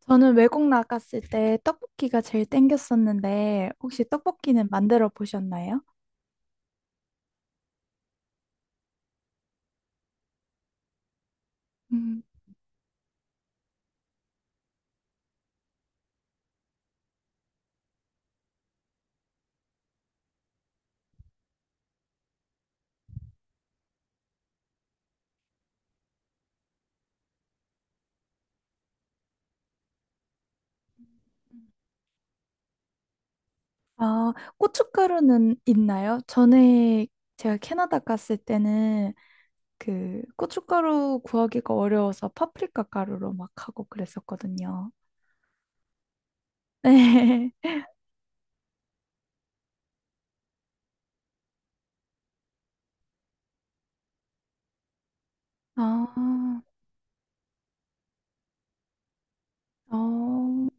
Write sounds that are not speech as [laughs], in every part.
저는 외국 나갔을 때 떡볶이가 제일 땡겼었는데, 혹시 떡볶이는 만들어 보셨나요? 음, 아, 고춧가루는 있나요? 전에 제가 캐나다 갔을 때는 그 고춧가루 구하기가 어려워서 파프리카 가루로 막 하고 그랬었거든요. [laughs] 네. 아, 어,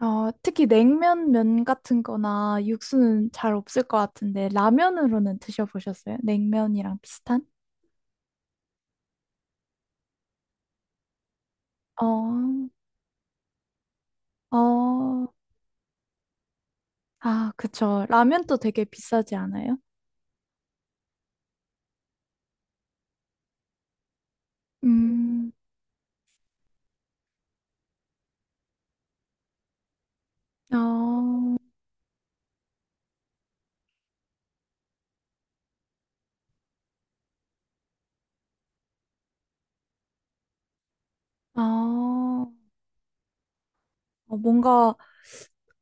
어, 특히 냉면 면 같은 거나 육수는 잘 없을 것 같은데, 라면으로는 드셔보셨어요? 냉면이랑 비슷한? 어. 어, 아, 그쵸. 라면도 되게 비싸지 않아요? 음, 아 아, 어, 뭔가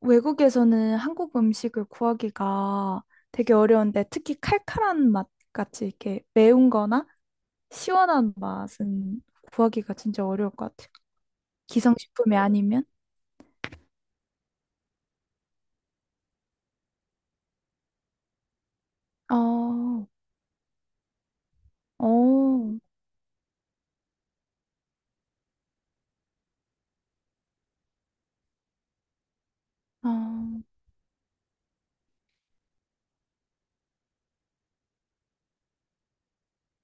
외국에서는 한국 음식을 구하기가 되게 어려운데, 특히 칼칼한 맛 같이 이렇게 매운 거나 시원한 맛은 구하기가 진짜 어려울 것 같아요. 기성식품이 아니면? 어, 어, 어,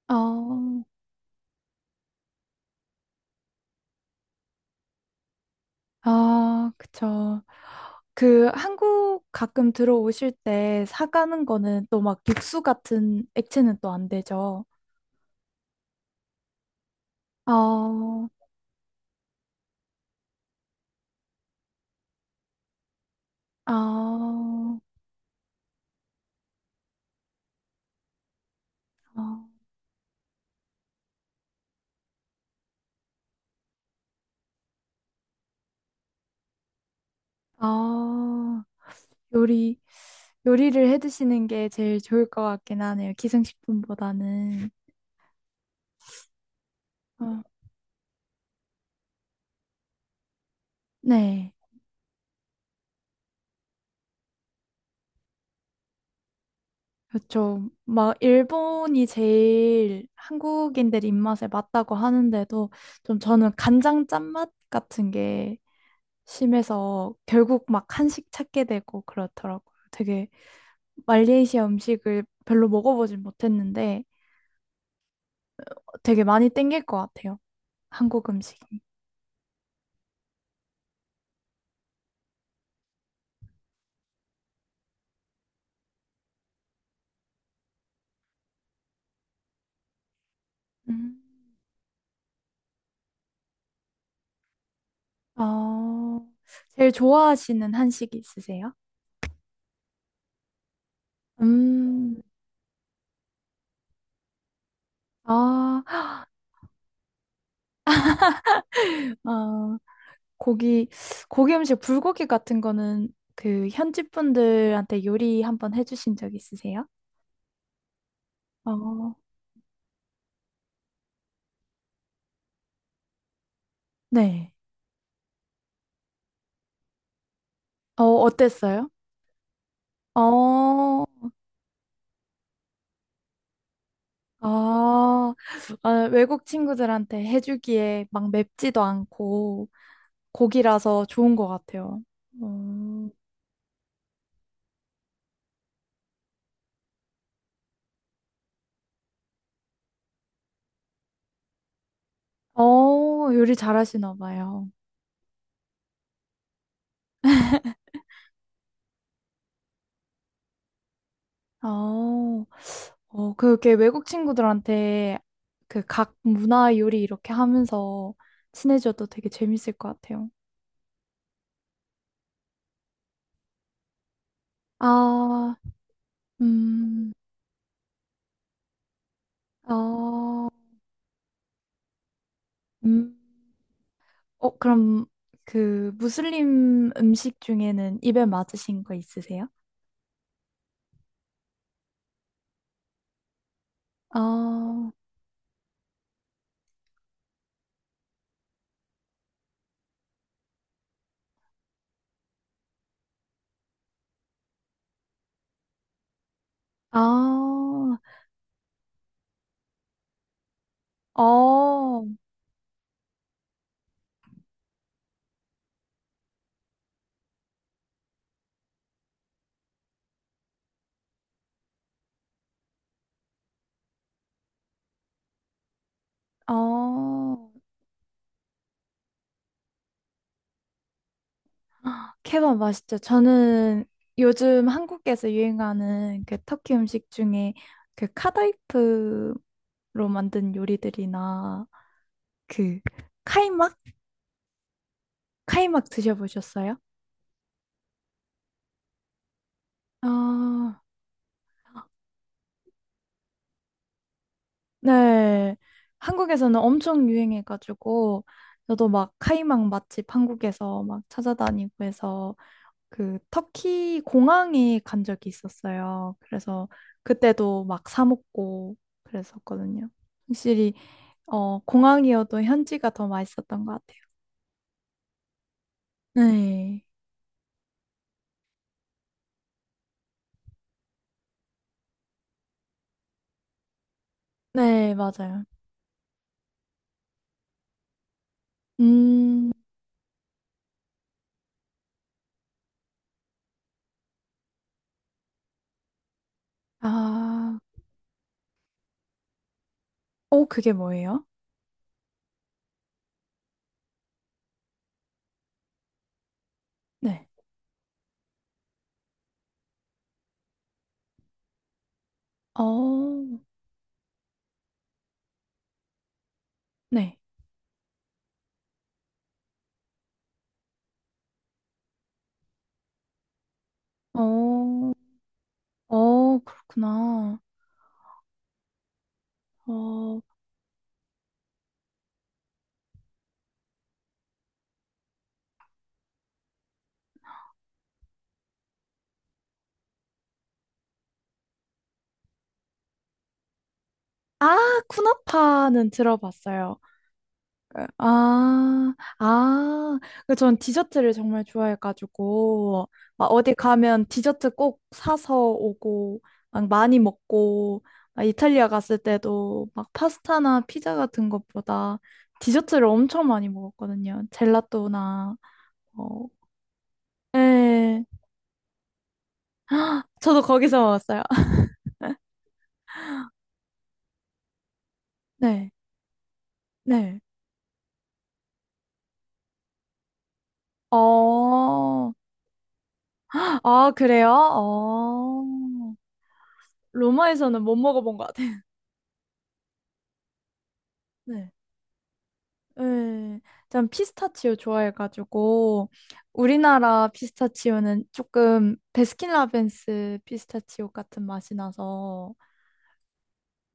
어. 아, 그쵸. 그 한국 가끔 들어오실 때 사가는 거는 또 막 육수 같은 액체는 또 안 되죠. 아, 아, 아, 아, 요리, 요리를 해 드시는 게 제일 좋을 것 같긴 하네요. 기생식품보다는. 어, 네. 그렇죠. 막 일본이 제일 한국인들 입맛에 맞다고 하는데도 좀 저는 간장 짠맛 같은 게 심해서 결국 막 한식 찾게 되고 그렇더라고요. 되게 말레이시아 음식을 별로 먹어보진 못했는데 되게 많이 땡길 것 같아요. 한국 음식이. 음. 어, 제일 좋아하시는 한식이 있으세요? 음, 아, 아, 고기, 고기 음식, 불고기 같은 거는 그 현지 분들한테 요리 한번 해주신 적 있으세요? 어, 네. 어, 어땠어요? 어, 아, 아, 외국 친구들한테 해주기에 막 맵지도 않고 고기라서 좋은 것 같아요. 음. 어, 요리 잘하시나 봐요. 어, 어, 그렇게 외국 친구들한테 그 각 문화 요리 이렇게 하면서 친해져도 되게 재밌을 것 같아요. 아, 음, 아, 음. 어, 그럼 그 무슬림 음식 중에는 입에 맞으신 거 있으세요? 아 아, 어, 어. 케밥 맛있죠. 저는 요즘 한국에서 유행하는 그 터키 음식 중에 그 카다이프로 만든 요리들이나 그 카이막? 카이막 드셔보셨어요? 아, 네. 한국에서는 엄청 유행해가지고 저도 막 카이막 맛집 한국에서 막 찾아다니고 해서 그 터키 공항에 간 적이 있었어요. 그래서 그때도 막 사 먹고 그랬었거든요. 확실히 어 공항이어도 현지가 더 맛있었던 것 같아요. 네, 네 맞아요. 음, 아, 어 그게 뭐예요? 네, 어, 네, 어, 어 그렇구나. 어, 아 쿠나파는 들어봤어요. 아, 아, 그 전 디저트를 정말 좋아해가지고, 막 어디 가면 디저트 꼭 사서 오고, 막 많이 먹고, 막 이탈리아 갔을 때도 막 파스타나 피자 같은 것보다 디저트를 엄청 많이 먹었거든요. 젤라또나, 어, 네. 저도 거기서 먹었어요. [laughs] 네, 네. 어, 아, 그래요? 어, 로마에서는 못 먹어본 것 같아요. 네. 네, 전 피스타치오 좋아해가지고 우리나라 피스타치오는 조금 베스킨라빈스 피스타치오 같은 맛이 나서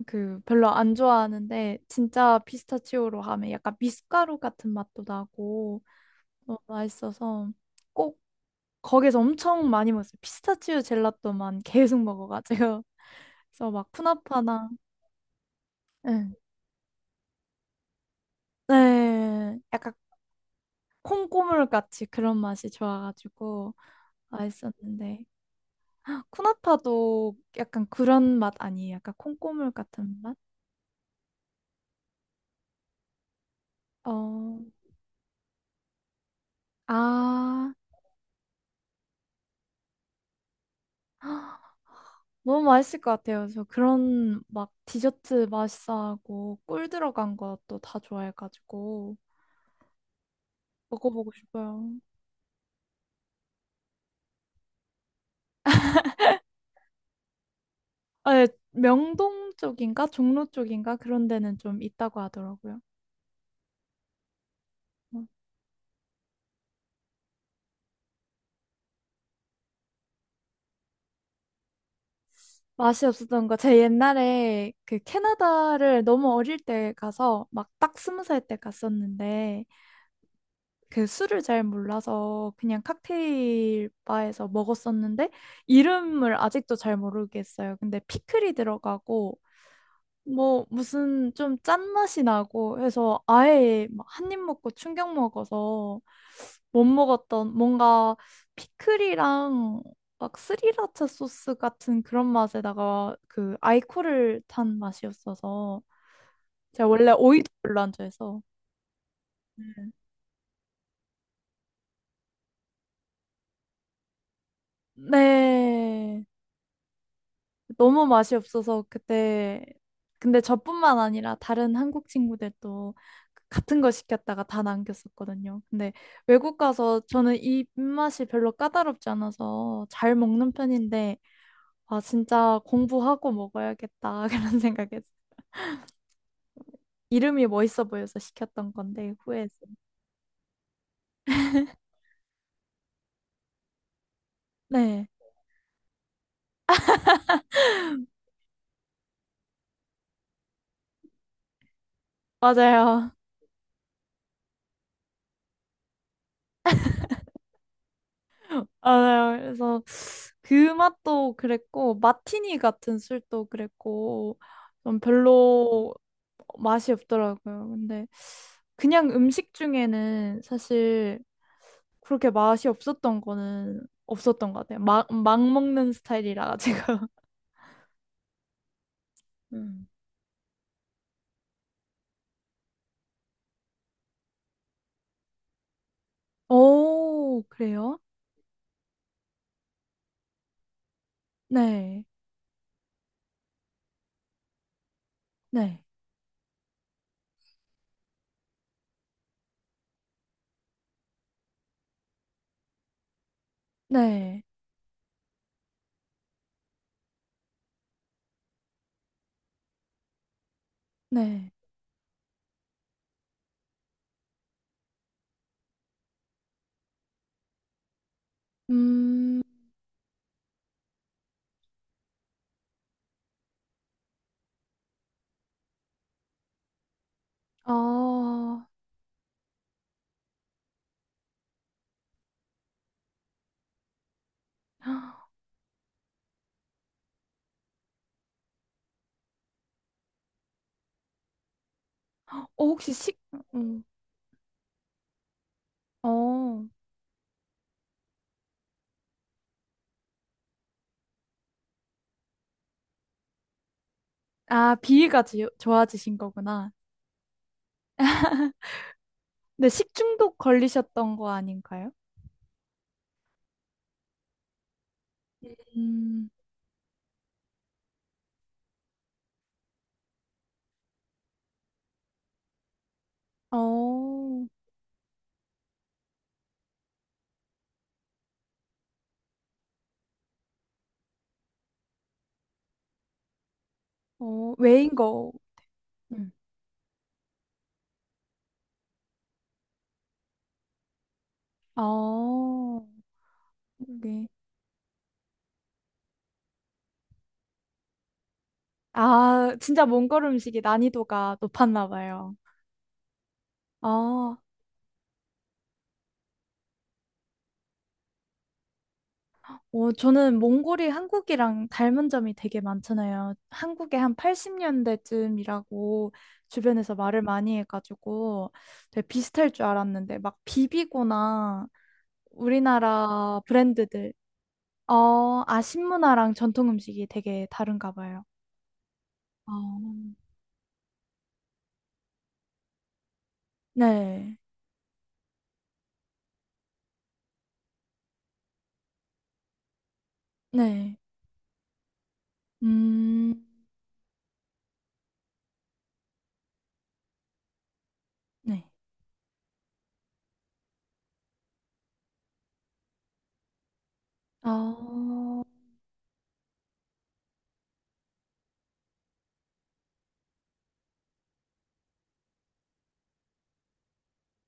그 별로 안 좋아하는데 진짜 피스타치오로 하면 약간 미숫가루 같은 맛도 나고 너무 맛있어서 꼭 거기서 엄청 많이 먹었어요. 피스타치오 젤라또만 계속 먹어가지고 [laughs] 그래서 막 푸나파나 네. 네, 약간 콩고물 같이 그런 맛이 좋아가지고 맛있었는데 쿠나타도 약간 그런 맛 아니에요? 약간 콩고물 같은 맛? 어, 아, [gasps] 너무 맛있을 것 같아요. 저 그런 막 디저트 맛있어하고 꿀 들어간 것도 다 좋아해가지고 먹어보고 싶어요. 아, 예, 명동 쪽인가 종로 쪽인가 그런 데는 좀 있다고 하더라고요. 어. 맛이 없었던 거. 제 옛날에 그 캐나다를 너무 어릴 때 가서 막 딱 스무 살 때 갔었는데 그 술을 잘 몰라서 그냥 칵테일 바에서 먹었었는데 이름을 아직도 잘 모르겠어요. 근데 피클이 들어가고 뭐 무슨 좀 짠맛이 나고 해서 아예 막 한 입 먹고 충격 먹어서 못 먹었던 뭔가 피클이랑 막 스리라차 소스 같은 그런 맛에다가 그 아이코를 탄 맛이었어서 제가 원래 오이도 별로 안 좋아해서 네. 네. 너무 맛이 없어서 그때 근데 저뿐만 아니라 다른 한국 친구들도 그 같은 거 시켰다가 다 남겼었거든요. 근데 외국 가서 저는 이 입맛이 별로 까다롭지 않아서 잘 먹는 편인데 아 진짜 공부하고 먹어야겠다 [laughs] 그런 생각에서 이름이 멋있어 보여서 시켰던 건데 후회했어요. 네, 맞아요. 아, 그래서 그 맛도 그랬고 마티니 같은 술도 그랬고 좀 별로 맛이 없더라고요. 근데 그냥 음식 중에는 사실 그렇게 맛이 없었던 거는 없었던 것 같아요. 막, 막 먹는 스타일이라 제가. [laughs] 음. 오, 그래요? 네, 네, 네, 네. 음, 아, [gasps] 어, 혹시 식, 음, 어. 아, 비위가 지- 좋아지신 거구나. 근데 식중독 걸리셨던 거 아닌가요? 음, 어, 어, 외인 거. 음. 어, 이게. 아, 진짜 몽골 음식이 난이도가 높았나 봐요. 아, 어, 저는 몽골이 한국이랑 닮은 점이 되게 많잖아요. 한국에 한 80년대쯤이라고 주변에서 말을 많이 해가지고 되게 비슷할 줄 알았는데 막 비비고나 우리나라 브랜드들 어, 아, 신문화랑 전통 음식이 되게 다른가 봐요. 어, 네, 네, 음, 네. 아,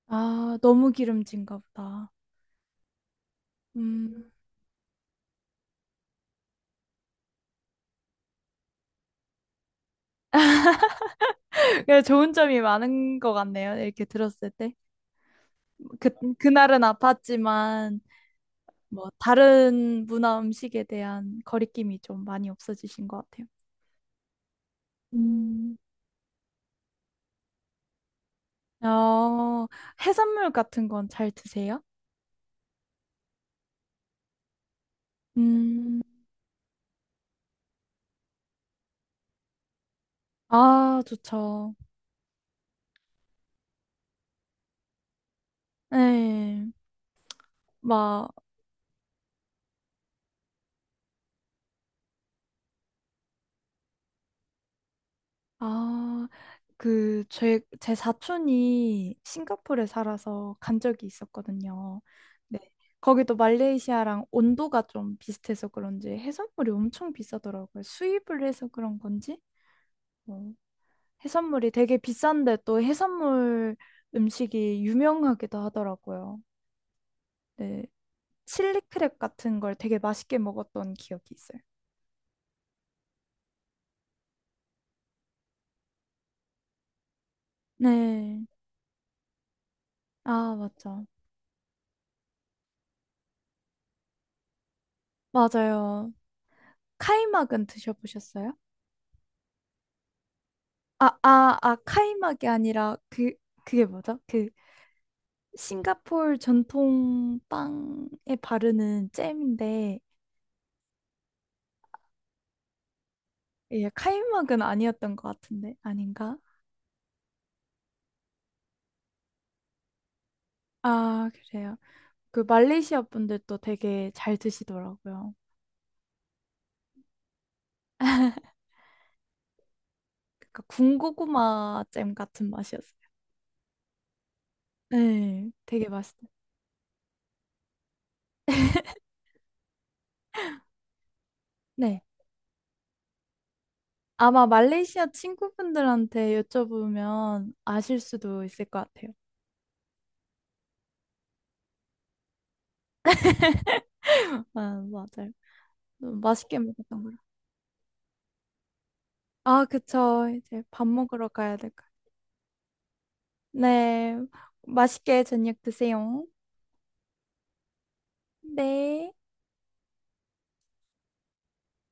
아, 너무 기름진가 보다. 음, 그래, 좋은 점이 많은 것 같네요. 이렇게 들었을 때. 그, 그날은 아팠지만, 뭐, 다른 문화 음식에 대한 거리낌이 좀 많이 없어지신 것 같아요. 음, 어, 해산물 같은 건 잘 드세요? 음, 아, 좋죠. 네. 막, 아, 그, 제 사촌이 싱가포르에 살아서 간 적이 있었거든요. 네. 거기도 말레이시아랑 온도가 좀 비슷해서 그런지 해산물이 엄청 비싸더라고요. 수입을 해서 그런 건지? 뭐, 해산물이 되게 비싼데 또 해산물 음식이 유명하기도 하더라고요. 네. 칠리 크랩 같은 걸 되게 맛있게 먹었던 기억이 있어요. 네. 아, 맞죠. 맞아요. 카이막은 드셔보셨어요? 아, 아, 아, 카이막이 아니라 그 그게 뭐죠? 그 싱가포르 전통 빵에 바르는 잼인데 예, 카이막은 아니었던 것 같은데 아닌가? 아, 그래요. 그 말레이시아 분들도 되게 잘 드시더라고요. 그러니까 군고구마 잼 같은 맛이었어요. 네, 되게 맛있어요. 네. 아마 말레이시아 친구분들한테 여쭤보면 아실 수도 있을 것 같아요. 아, 맞아요. 맛있게 먹었던 것라 아, 그쵸. 이제 밥 먹으러 가야 될까. 네. 맛있게 저녁 드세요. 네.